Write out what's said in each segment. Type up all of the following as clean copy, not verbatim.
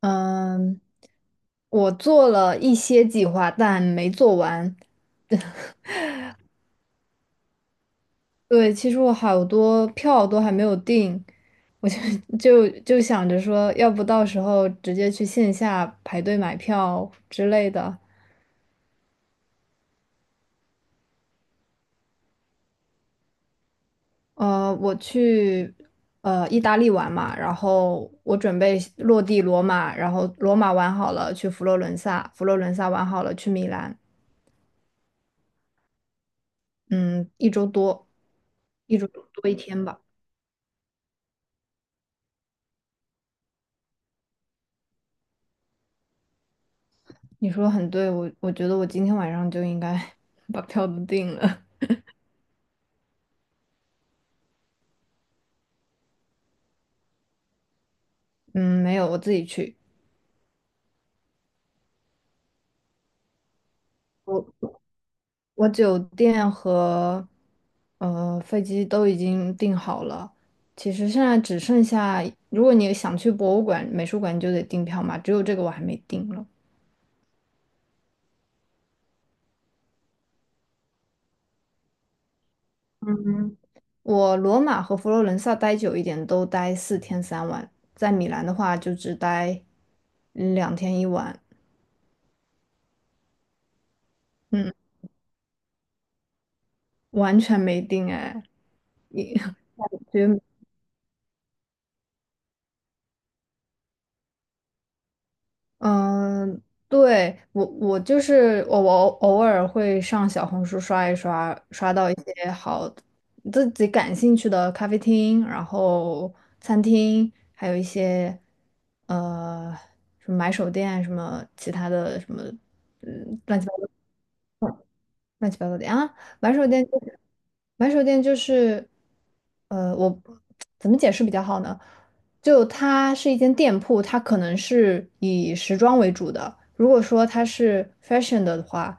嗯，我做了一些计划，但没做完。对，其实我好多票都还没有订，我就 就想着说，要不到时候直接去线下排队买票之类的。我去意大利玩嘛，然后我准备落地罗马，然后罗马玩好了去佛罗伦萨，佛罗伦萨玩好了去米兰。嗯，一周多，一周多一天吧。你说的很对，我觉得我今天晚上就应该 把票都订了。嗯，没有，我自己去。我我酒店和飞机都已经订好了，其实现在只剩下，如果你想去博物馆、美术馆，你就得订票嘛。只有这个我还没订了。我罗马和佛罗伦萨待久一点，都待4天3晚。在米兰的话，就只待2天1晚。嗯，完全没定哎。你 觉。嗯，对，我我就是我我偶尔会上小红书刷一刷，刷到一些好自己感兴趣的咖啡厅，然后餐厅，还有一些呃什么买手店啊，什么其他的什么，嗯，乱七八糟。乱七八糟的啊，买手店就是买手店就是，我怎么解释比较好呢？就它是一间店铺，它可能是以时装为主的。如果说它是 fashion 的话，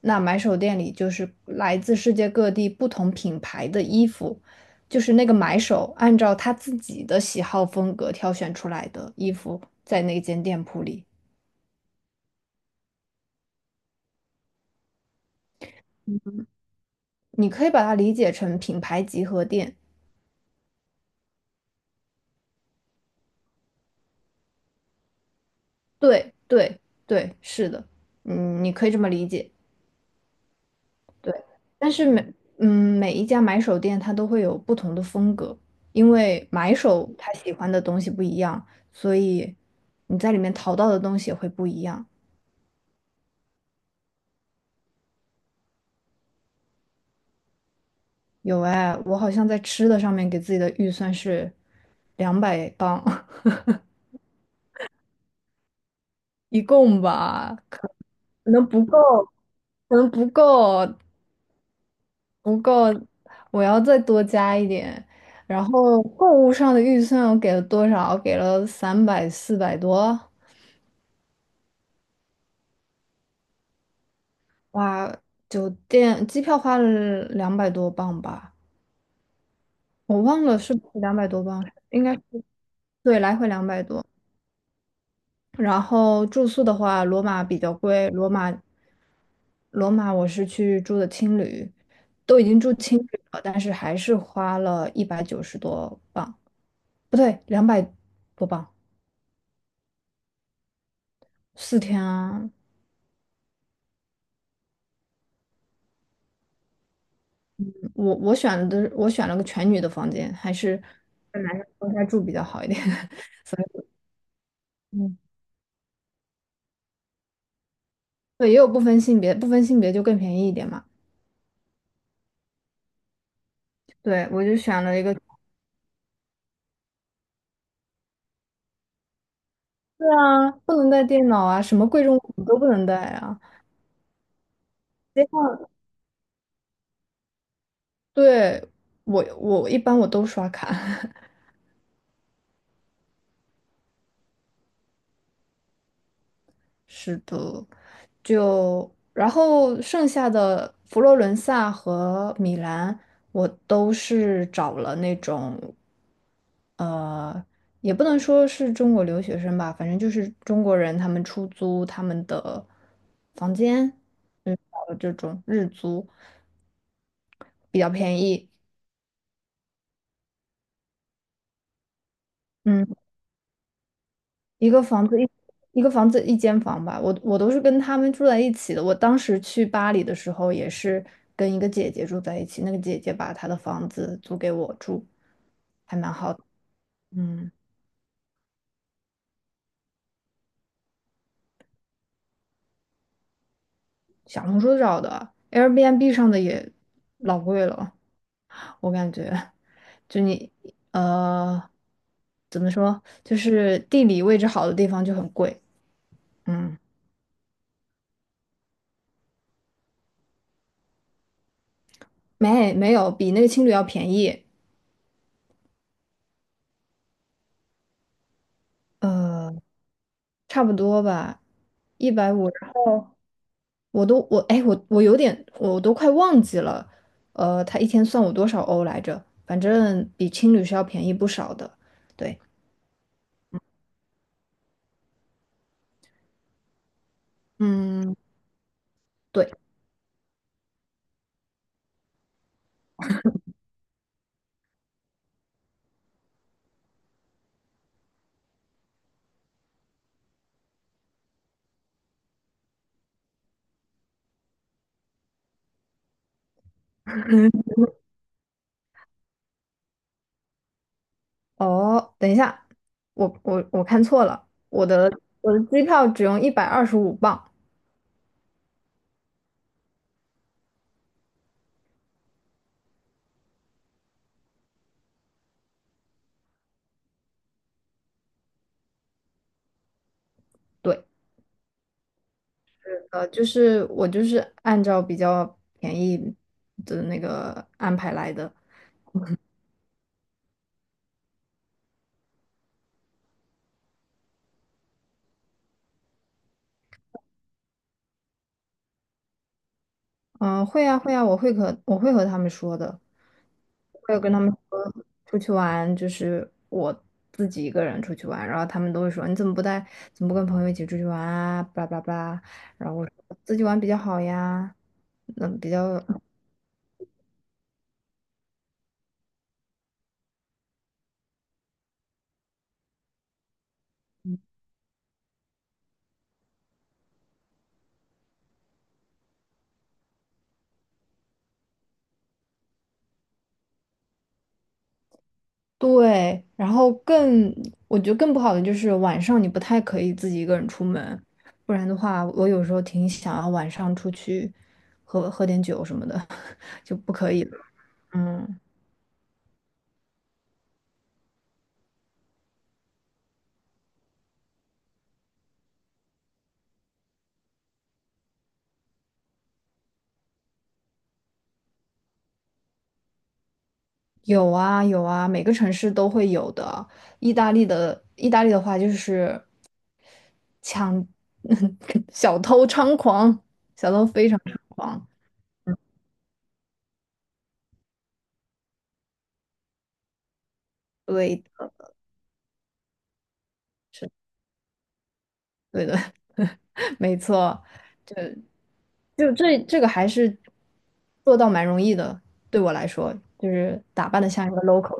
那买手店里就是来自世界各地不同品牌的衣服，就是那个买手按照他自己的喜好风格挑选出来的衣服，在那间店铺里，你可以把它理解成品牌集合店。对对对，是的。嗯，你可以这么理解。对。但是嗯每一家买手店它都会有不同的风格，因为买手他喜欢的东西不一样，所以你在里面淘到的东西也会不一样。有哎，我好像在吃的上面给自己的预算是200磅，一共吧，可能不够。可能不够，不够，我要再多加一点。然后购物上的预算我给了多少？给了三百四百多。哇，酒店机票花了两百多镑吧，我忘了是不是两百多镑，应该是。对，来回两百多。然后住宿的话，罗马比较贵，罗马我是去住的青旅，都已经住青旅了，但是还是花了190多镑，不对，两百多镑。四天啊，我选了个全女的房间，还是跟男生分开住比较好一点。嗯，对，也有不分性别，不分性别就更便宜一点嘛。对，我就选了一个。对啊，不能带电脑啊，什么贵重物品都不能带啊。对，我一般都刷卡。是的，就然后剩下的佛罗伦萨和米兰，我都是找了那种，呃，也不能说是中国留学生吧，反正就是中国人他们出租他们的房间。嗯，找了这种日租比较便宜。嗯。一个房子一一个房子一间房吧，我都是跟他们住在一起的。我当时去巴黎的时候，也是跟一个姐姐住在一起，那个姐姐把她的房子租给我住，还蛮好的。嗯，小红书找的，Airbnb 上的也老贵了，我感觉就你呃怎么说，就是地理位置好的地方就很贵。嗯，没有比那个青旅要便宜。呃，差不多吧，150。我都我哎我我有点我都快忘记了，呃，他一天算我多少欧来着？反正比青旅是要便宜不少的。对。嗯，对。哦，等一下，我看错了，我的机票只用125镑。对，就是我就是按照比较便宜的那个安排来的。嗯，会啊会啊，我会和他们说的。我有跟他们说出去玩，就是我自己一个人出去玩，然后他们都会说你怎么不带，怎么不跟朋友一起出去玩啊？巴拉巴拉，然后我说自己玩比较好呀。嗯，比较对。然后我觉得更不好的就是晚上你不太可以自己一个人出门，不然的话，我有时候挺想要晚上出去喝喝点酒什么的，就不可以了。嗯。有啊有啊，每个城市都会有的。意大利的话就是抢，小偷猖狂，小偷非常猖狂。对，是，对的。没错。就就这这个还是做到蛮容易的，对我来说，就是打扮的像一个 local，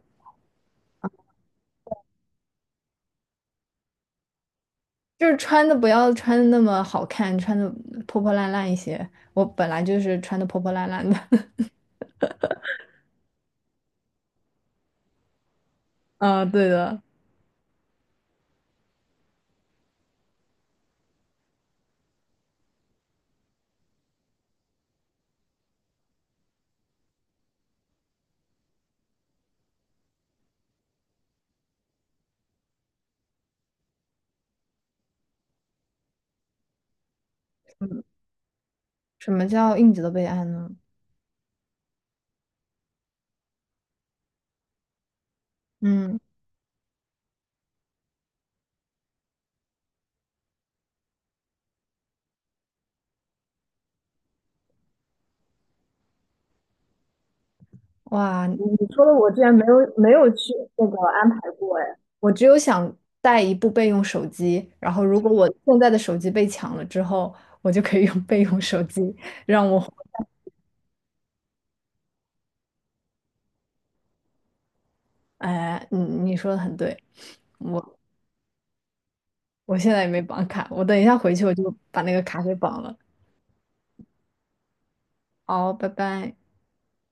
就是穿的不要穿的那么好看，穿的破破烂烂一些。我本来就是穿的破破烂烂的。啊，对的。什么叫应急的备案呢？嗯。哇，你说的我之前没有去那个安排过哎，我只有想带一部备用手机，然后如果我现在的手机被抢了之后，我就可以用备用手机让我活下来哎，你说的很对，我我现在也没绑卡，我等一下回去我就把那个卡给绑了。好，拜拜。